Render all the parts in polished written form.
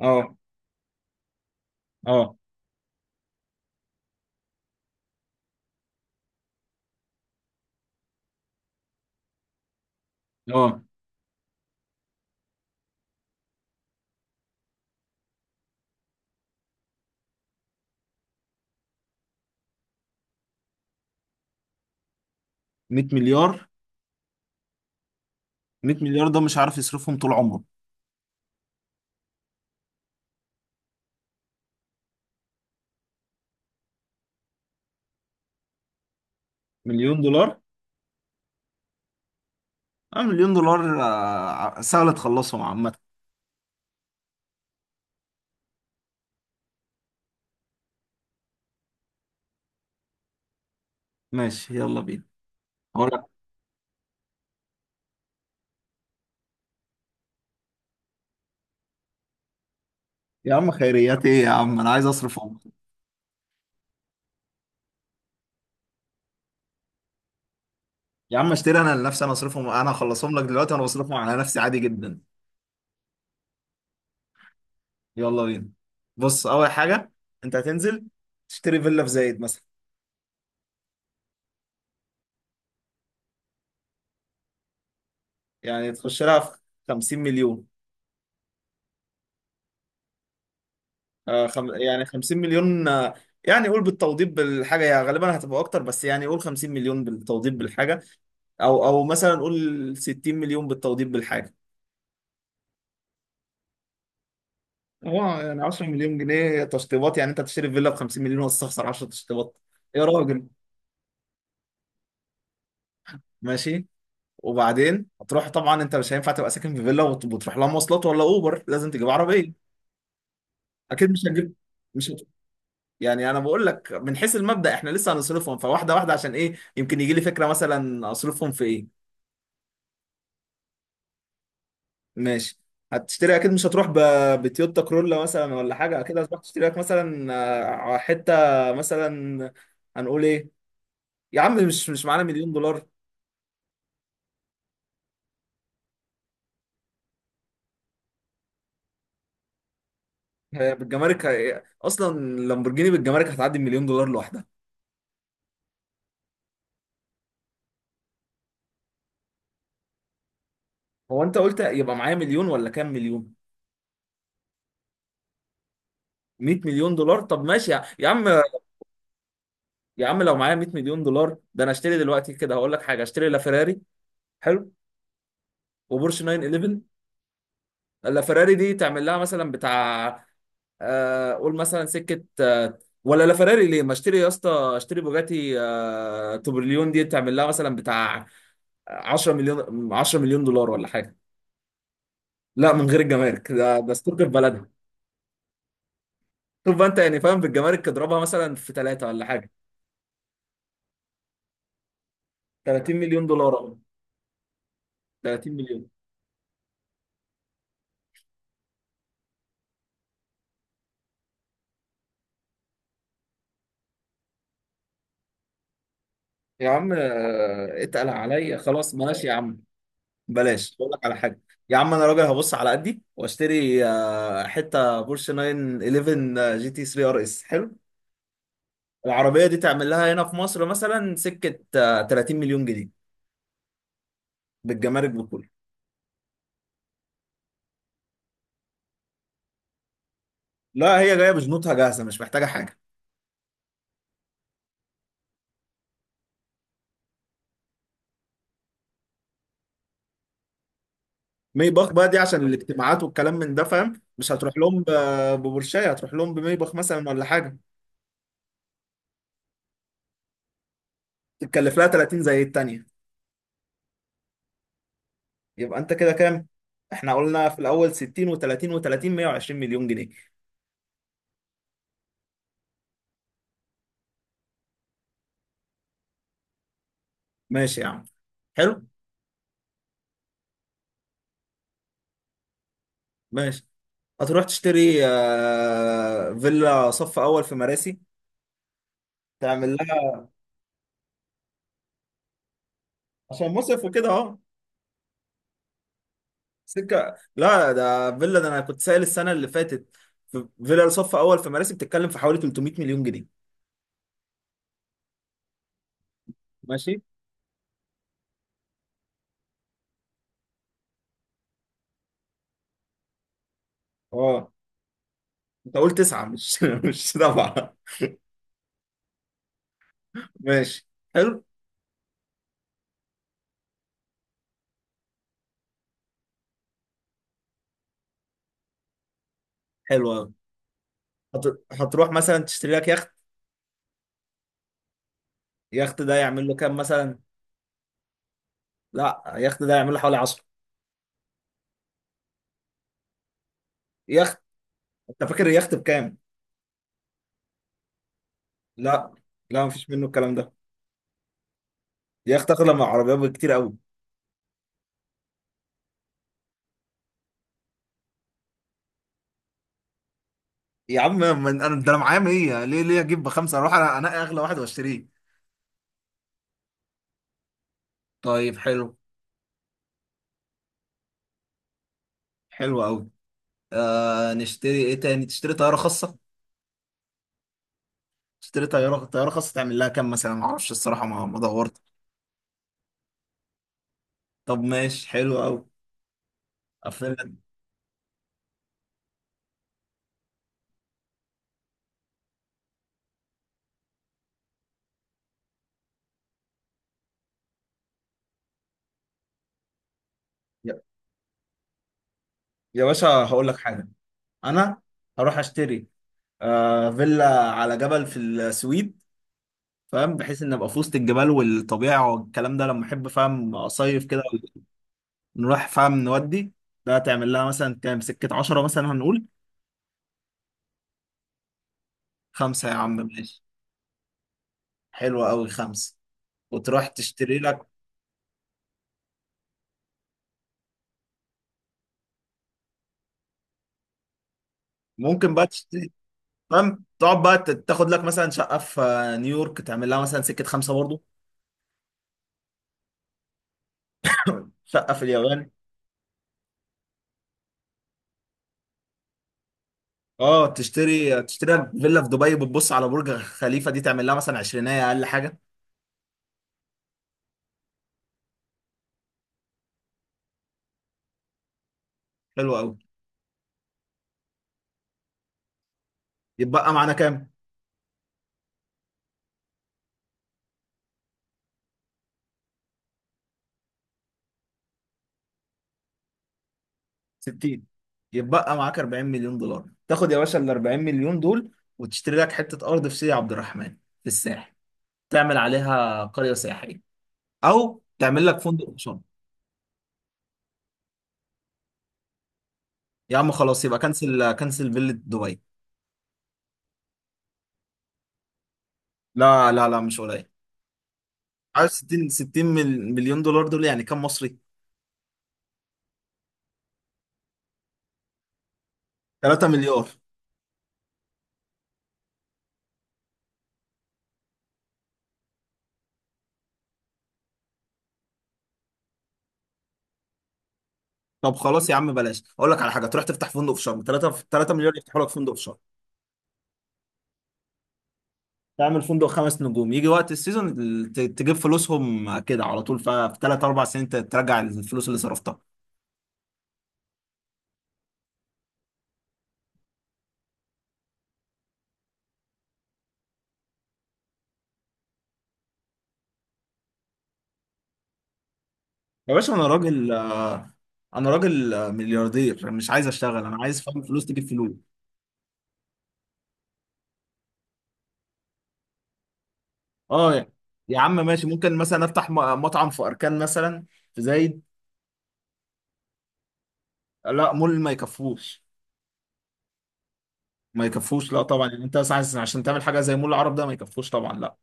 اه اه اه 100 مليار. 100 مليار ده مش عارف يصرفهم طول عمره. مليون دولار. اه، مليون دولار سهل تخلصهم عامة. ماشي، يلا بينا. هقول لك. يا عم، خيريات ايه يا عم؟ انا عايز اصرفهم. يا عم اشتري انا لنفسي، انا اصرفهم، انا هخلصهم لك دلوقتي وانا بصرفهم على نفسي عادي جدا. يلا بينا. بص، اول حاجة انت هتنزل تشتري فيلا في زايد مثلا. يعني تخش لها في 50 مليون يعني 50 مليون يعني قول بالتوضيب بالحاجه، يعني غالبا هتبقى اكتر، بس يعني قول 50 مليون بالتوضيب بالحاجه. او مثلا قول 60 مليون بالتوضيب بالحاجه. هو يعني 10 مليون جنيه تشطيبات؟ يعني انت هتشتري فيلا ب 50 مليون وتستخسر 10 تشطيبات؟ يا راجل. ماشي. وبعدين هتروح طبعا، انت مش هينفع تبقى ساكن في فيلا وتروح لها مواصلات ولا اوبر، لازم تجيب عربيه. اكيد مش هتجيب. مش هت... يعني انا بقول لك من حيث المبدأ، احنا لسه هنصرفهم فواحده واحده عشان ايه، يمكن يجي لي فكره مثلا اصرفهم في ايه. ماشي. هتشتري، اكيد مش هتروح بتويوتا كرولا مثلا ولا حاجه، اكيد هتروح تشتري لك مثلا حته مثلا. هنقول ايه؟ يا عم، مش معانا مليون دولار. هي بالجمارك اصلا لامبورجيني بالجمارك هتعدي المليون دولار لوحدها. هو انت قلت يبقى معايا مليون ولا كام مليون؟ 100 مليون دولار؟ طب ماشي يا عم. يا عم، لو معايا 100 مليون دولار ده، انا اشتري دلوقتي كده، هقول لك حاجه، اشتري لا فيراري، حلو، وبورش 911. لا فيراري دي تعمل لها مثلا بتاع قول مثلا سكه ولا لا فراري ليه، ما اشتري يا اسطى، اشتري بوجاتي توبرليون، دي تعمل لها مثلا بتاع 10 مليون، 10 مليون دولار ولا حاجه. لا، من غير الجمارك، ده ستوك في بلدها. شوف بقى انت، يعني فاهم، بالجمارك اضربها مثلا في ثلاثه ولا حاجه. 30 مليون دولار أهو. 30 مليون. يا عم اتقل عليا، خلاص بلاش يا عم. بلاش بقول لك على حاجه. يا عم، انا راجل هبص على قدي واشتري حته بورش 911 جي تي 3 ار اس، حلو. العربية دي تعمل لها هنا في مصر مثلا سكة 30 مليون جنيه. بالجمارك بكله. لا، هي جاية بجنودها جاهزة مش محتاجة حاجة. ميباخ بقى دي عشان الاجتماعات والكلام من ده، فاهم؟ مش هتروح لهم ببورشية، هتروح لهم بميباخ مثلا ولا حاجة. تتكلف لها 30 زي التانية. يبقى انت كده كام؟ احنا قلنا في الأول 60 و30 و30، 120 مليون جنيه. ماشي يا عم. حلو؟ ماشي. هتروح تشتري فيلا صف أول في مراسي، تعمل لها. عشان مصيف وكده اه. سكه، لا، ده فيلا، ده انا كنت سائل السنه اللي فاتت، في فيلا صف اول في مراسي بتتكلم في حوالي 300 مليون جنيه. ماشي. اه. انت قلت تسعه مش مش سبعه. ماشي. حلو. حلو قوي. هت... هتروح مثلا تشتري لك يخت يخت ده يعمل له كام مثلا لا يخت ده يعمل له حوالي 10 يخت انت فاكر اليخت بكام لا لا مفيش منه الكلام ده يخت اغلى من العربيه بكتير قوي يا عم من... انا ده انا معايا 100 ليه ليه اجيب بخمسه اروح انا انا اغلى واحد واشتريه طيب حلو حلو قوي آه نشتري ايه تاني؟ تشتري طيارة خاصة؟ تشتري طيارة خاصة، تعمل لها كام مثلا؟ ما اعرفش الصراحة، ما دورت. طب ماشي، حلو قوي. فيلا. يا يا باشا، هقول لك حاجة. انا هروح اشتري آه فيلا على جبل في السويد، فاهم؟ بحيث ان ابقى في وسط الجبال والطبيعه والكلام ده لما احب، فاهم، اصيف كده. نروح فاهم نودي. ده تعمل لها مثلا كام؟ سكه 10 مثلا هنقول. خمسة يا عم ماشي. حلوه قوي خمسه. وتروح تشتري لك. ممكن بقى. تمام، تقعد بقى تاخد لك مثلا شقه في نيويورك، تعمل لها مثلا سكه خمسه برضه. شقه في اليابان. اه، تشتري لك فيلا في دبي بتبص على برج خليفه، دي تعمل لها مثلا عشرينية اقل حاجه. حلو قوي. يتبقى معانا كام؟ 60. يتبقى معاك 40 مليون دولار. تاخد يا باشا ال 40 مليون دول وتشتري لك حته ارض في سيدي عبد الرحمن، في الساحل، تعمل عليها قريه سياحيه، او تعمل لك فندق شرم. يا عم خلاص، يبقى كنسل كنسل فيلا دبي. لا لا لا، مش قليل. عارف 60، مليون دولار دول يعني كام مصري؟ 3 مليار. طب خلاص يا عم، بلاش اقول لك على حاجه، تروح تفتح فندق في شرم 3، مليار يفتحوا لك فندق في شرم. تعمل فندق خمس نجوم، يجي وقت السيزون تجيب فلوسهم كده على طول، ففي 3 4 سنين ترجع الفلوس اللي صرفتها. يا باشا، انا راجل ملياردير مش عايز اشتغل، انا عايز فاهم فلوس تجيب فلوس. اه يا عم ماشي، ممكن مثلا افتح مطعم في اركان مثلا في زايد. لا مول ما يكفوش. ما يكفوش لا طبعا، يعني انت عشان تعمل حاجه زي مول العرب ده ما يكفوش طبعا، لا.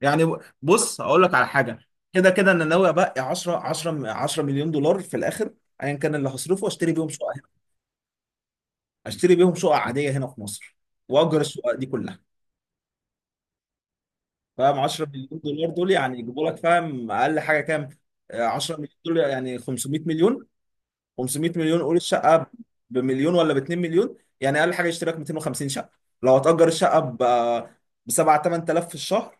يعني بص هقول لك على حاجه، كده كده انا ناوي ابقى 10 مليون دولار في الاخر ايا كان اللي هصرفه. اشتري بيهم شقه هنا. اشتري بيهم شقه عاديه هنا في مصر، واجر الشقه دي كلها. فاهم، 10 مليون دولار دول يعني يجيبوا لك فاهم اقل حاجه كام؟ 10 مليون دول يعني 500 مليون. قول الشقه بمليون ولا ب 2 مليون، يعني اقل حاجه يشتري لك 250 شقه. لو هتأجر الشقه ب 7 8,000 في الشهر.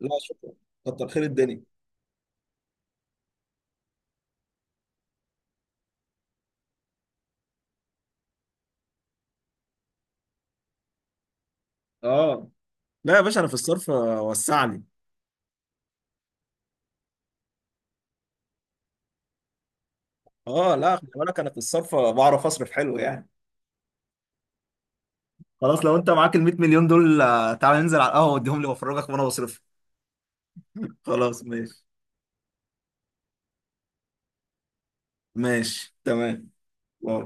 لا شكرا، كتر خير الدنيا. اه لا يا باشا، انا في الصرف وسعني. اه لا، خلي بالك، انا في الصرف بعرف اصرف حلو يعني. خلاص، لو انت معاك ال 100 مليون دول تعال ننزل على القهوه واديهم لي وافرجك وانا بصرفهم. خلاص ماشي. ماشي تمام. واو.